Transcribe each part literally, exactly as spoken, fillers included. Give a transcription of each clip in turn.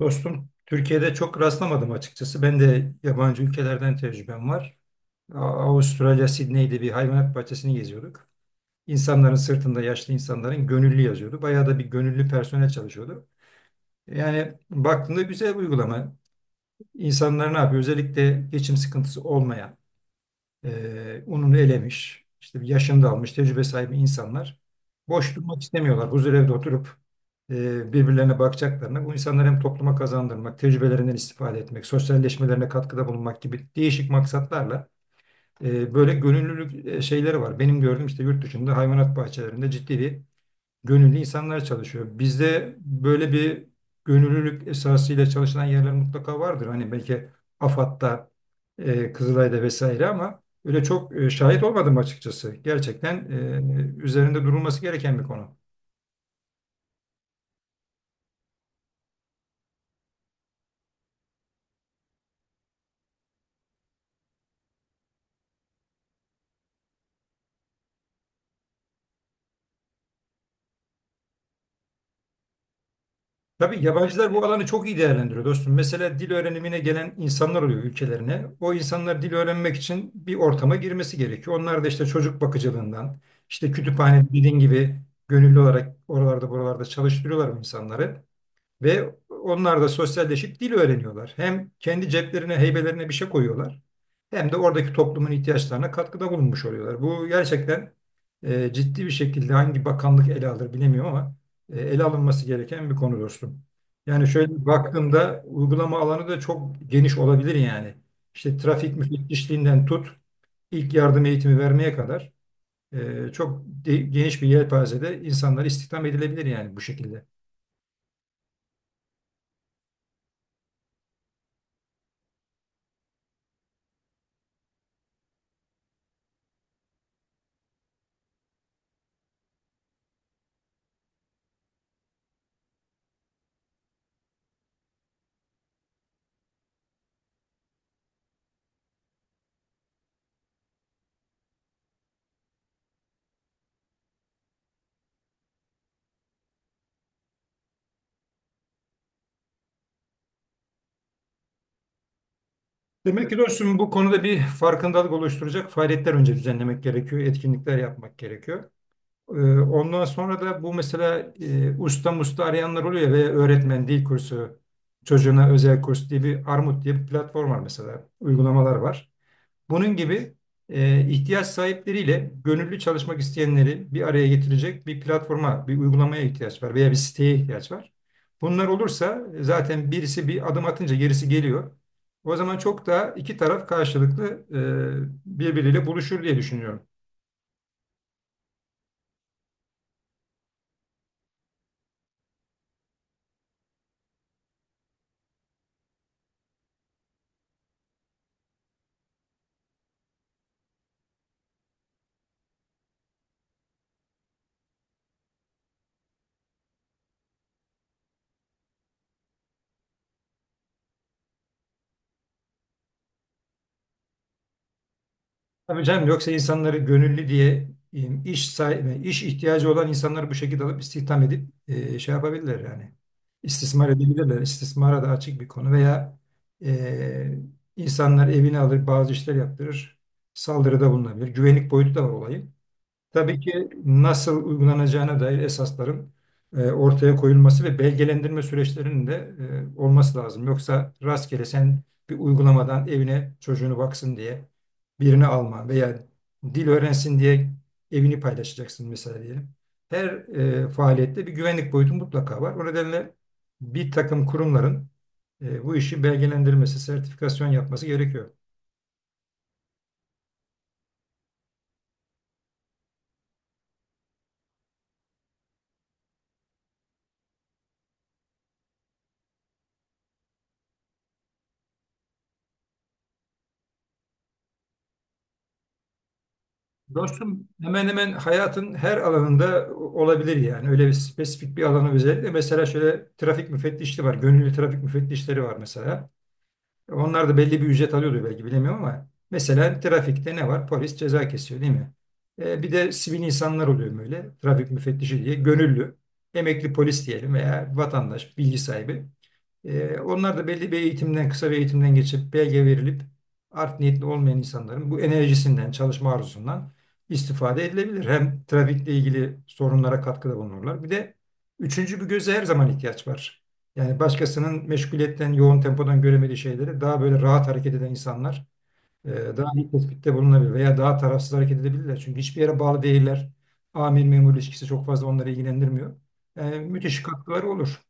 Dostum, Türkiye'de çok rastlamadım açıkçası. Ben de yabancı ülkelerden tecrübem var. A- Avustralya, Sydney'de bir hayvanat bahçesini geziyorduk. İnsanların sırtında yaşlı insanların gönüllü yazıyordu. Bayağı da bir gönüllü personel çalışıyordu. Yani baktığında güzel bir uygulama. İnsanlar ne yapıyor? Özellikle geçim sıkıntısı olmayan, e, ununu elemiş, işte bir yaşını da almış, tecrübe sahibi insanlar boş durmak istemiyorlar. Huzurevde oturup e, birbirlerine bakacaklarına bu insanları hem topluma kazandırmak, tecrübelerinden istifade etmek, sosyalleşmelerine katkıda bulunmak gibi değişik maksatlarla e, böyle gönüllülük e, şeyleri var. Benim gördüğüm işte yurt dışında hayvanat bahçelerinde ciddi bir gönüllü insanlar çalışıyor. Bizde böyle bir gönüllülük esasıyla çalışılan yerler mutlaka vardır. Hani belki A F A D'da, e, Kızılay'da vesaire ama öyle çok e, şahit olmadım açıkçası. Gerçekten e, üzerinde durulması gereken bir konu. Tabii yabancılar bu alanı çok iyi değerlendiriyor dostum. Mesela dil öğrenimine gelen insanlar oluyor ülkelerine. O insanlar dil öğrenmek için bir ortama girmesi gerekiyor. Onlar da işte çocuk bakıcılığından, işte kütüphane dediğin gibi gönüllü olarak oralarda buralarda çalıştırıyorlar bu insanları. Ve onlar da sosyalleşip dil öğreniyorlar. Hem kendi ceplerine, heybelerine bir şey koyuyorlar. Hem de oradaki toplumun ihtiyaçlarına katkıda bulunmuş oluyorlar. Bu gerçekten e, ciddi bir şekilde hangi bakanlık ele alır bilemiyorum ama e, ele alınması gereken bir konu dostum. Yani şöyle baktığımda uygulama alanı da çok geniş olabilir yani. İşte trafik müfettişliğinden tut, ilk yardım eğitimi vermeye kadar e, çok de- geniş bir yelpazede insanlar istihdam edilebilir yani bu şekilde. Demek ki dostum bu konuda bir farkındalık oluşturacak faaliyetler önce düzenlemek gerekiyor, etkinlikler yapmak gerekiyor. Ee, Ondan sonra da bu mesela e, usta musta arayanlar oluyor ve öğretmen dil kursu, çocuğuna özel kurs diye bir Armut diye bir platform var mesela, uygulamalar var. Bunun gibi e, ihtiyaç sahipleriyle gönüllü çalışmak isteyenleri bir araya getirecek bir platforma, bir uygulamaya ihtiyaç var veya bir siteye ihtiyaç var. Bunlar olursa e, zaten birisi bir adım atınca gerisi geliyor. O zaman çok daha iki taraf karşılıklı e, birbiriyle buluşur diye düşünüyorum. Tabii canım yoksa insanları gönüllü diye e, iş sahibi, iş ihtiyacı olan insanları bu şekilde alıp istihdam edip e, şey yapabilirler yani. İstismar edebilirler. İstismara da açık bir konu veya e, insanlar evini alır bazı işler yaptırır. Saldırıda bulunabilir. Güvenlik boyutu da var olayın. Tabii ki nasıl uygulanacağına dair esasların e, ortaya koyulması ve belgelendirme süreçlerinin de e, olması lazım. Yoksa rastgele sen bir uygulamadan evine çocuğunu baksın diye birini alma veya dil öğrensin diye evini paylaşacaksın mesela diyelim. Her e, faaliyette bir güvenlik boyutu mutlaka var. O nedenle bir takım kurumların e, bu işi belgelendirmesi, sertifikasyon yapması gerekiyor. Dostum hemen hemen hayatın her alanında olabilir yani. Öyle bir spesifik bir alanı özellikle. Mesela şöyle trafik müfettişliği var. Gönüllü trafik müfettişleri var mesela. Onlar da belli bir ücret alıyordu belki bilemiyorum ama mesela trafikte ne var? Polis ceza kesiyor değil mi? E, bir de sivil insanlar oluyor böyle. Trafik müfettişi diye gönüllü, emekli polis diyelim veya vatandaş, bilgi sahibi. Ee, onlar da belli bir eğitimden, kısa bir eğitimden geçip belge verilip art niyetli olmayan insanların bu enerjisinden, çalışma arzusundan istifade edilebilir. Hem trafikle ilgili sorunlara katkıda bulunurlar. Bir de üçüncü bir göze her zaman ihtiyaç var. Yani başkasının meşguliyetten, yoğun tempodan göremediği şeyleri daha böyle rahat hareket eden insanlar e, daha iyi tespitte bulunabilir veya daha tarafsız hareket edebilirler. Çünkü hiçbir yere bağlı değiller. Amir memur ilişkisi çok fazla onları ilgilendirmiyor. Yani müthiş katkıları olur.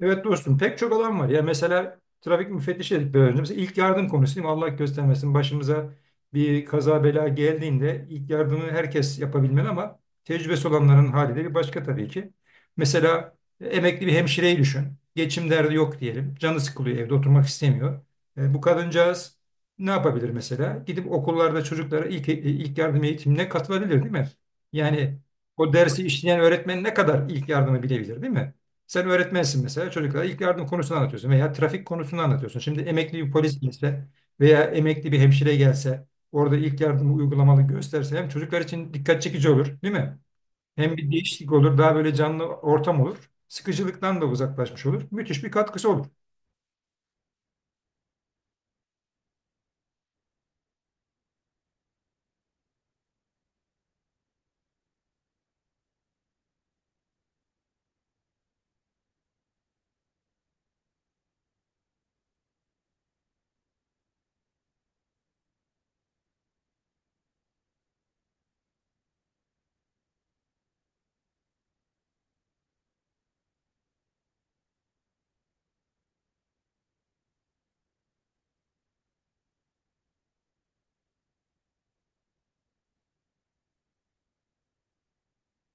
Evet dostum pek çok alan var. Ya mesela trafik müfettişi dedik biraz önce. Mesela ilk yardım konusu Allah göstermesin başımıza bir kaza bela geldiğinde ilk yardımı herkes yapabilmeli ama tecrübesi olanların hali de bir başka tabii ki. Mesela emekli bir hemşireyi düşün. Geçim derdi yok diyelim. Canı sıkılıyor evde oturmak istemiyor. E, bu kadıncağız ne yapabilir mesela? Gidip okullarda çocuklara ilk, e, ilk yardım eğitimine katılabilir değil mi? Yani o dersi işleyen öğretmen ne kadar ilk yardımı bilebilir değil mi? Sen öğretmensin mesela çocuklara ilk yardım konusunu anlatıyorsun veya trafik konusunu anlatıyorsun. Şimdi emekli bir polis gelse veya emekli bir hemşire gelse orada ilk yardımı uygulamalı gösterse hem çocuklar için dikkat çekici olur değil mi? Hem bir değişiklik olur daha böyle canlı ortam olur. Sıkıcılıktan da uzaklaşmış olur. Müthiş bir katkısı olur.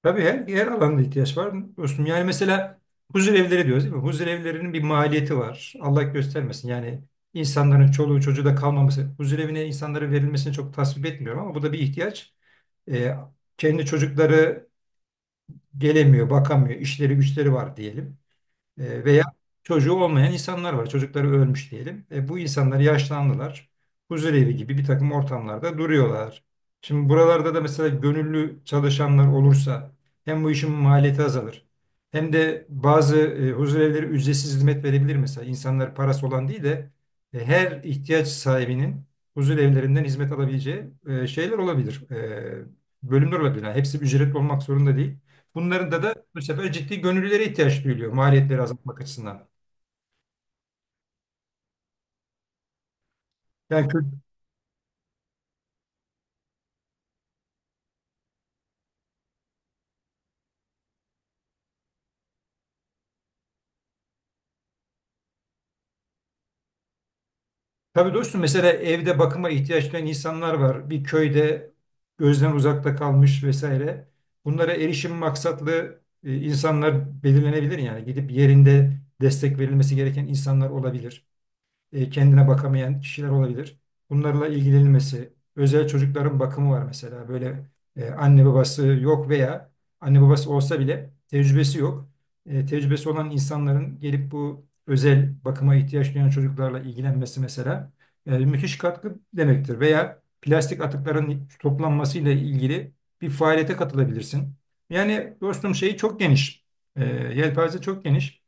Tabii her, her alanda ihtiyaç var dostum. Yani mesela huzur evleri diyoruz değil mi? Huzur evlerinin bir maliyeti var. Allah göstermesin. Yani insanların çoluğu çocuğu da kalmaması. Huzur evine insanların verilmesini çok tasvip etmiyorum ama bu da bir ihtiyaç. E, Kendi çocukları gelemiyor, bakamıyor, işleri güçleri var diyelim. E, veya çocuğu olmayan insanlar var. Çocukları ölmüş diyelim. E, bu insanlar yaşlandılar. Huzurevi gibi bir takım ortamlarda duruyorlar. Şimdi buralarda da mesela gönüllü çalışanlar olursa hem bu işin maliyeti azalır. Hem de bazı e, huzurevleri ücretsiz hizmet verebilir mesela. İnsanlar parası olan değil de e, her ihtiyaç sahibinin huzurevlerinden hizmet alabileceği e, şeyler olabilir. E, bölümler olabilir. Yani hepsi ücretli olmak zorunda değil. Bunların da da bu sefer ciddi gönüllülere ihtiyaç duyuluyor maliyetleri azaltmak açısından. Yani kö- tabii dostum mesela evde bakıma ihtiyaç duyan insanlar var. Bir köyde gözden uzakta kalmış vesaire. Bunlara erişim maksatlı e, insanlar belirlenebilir yani gidip yerinde destek verilmesi gereken insanlar olabilir. E, kendine bakamayan kişiler olabilir. Bunlarla ilgilenilmesi, özel çocukların bakımı var mesela. Böyle e, anne babası yok veya anne babası olsa bile tecrübesi yok. E, tecrübesi olan insanların gelip bu özel bakıma ihtiyaç duyan çocuklarla ilgilenmesi mesela e, müthiş katkı demektir. Veya plastik atıkların toplanmasıyla ilgili bir faaliyete katılabilirsin. Yani dostum şeyi çok geniş. E, Yelpaze çok geniş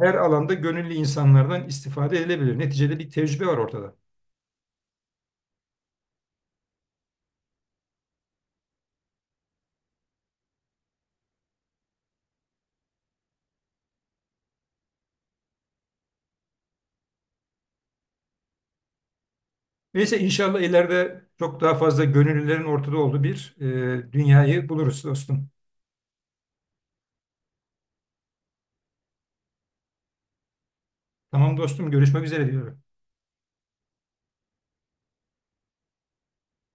her alanda gönüllü insanlardan istifade edilebilir. Neticede bir tecrübe var ortada. Neyse inşallah ileride çok daha fazla gönüllülerin ortada olduğu bir e, dünyayı buluruz dostum. Tamam dostum görüşmek üzere diyorum.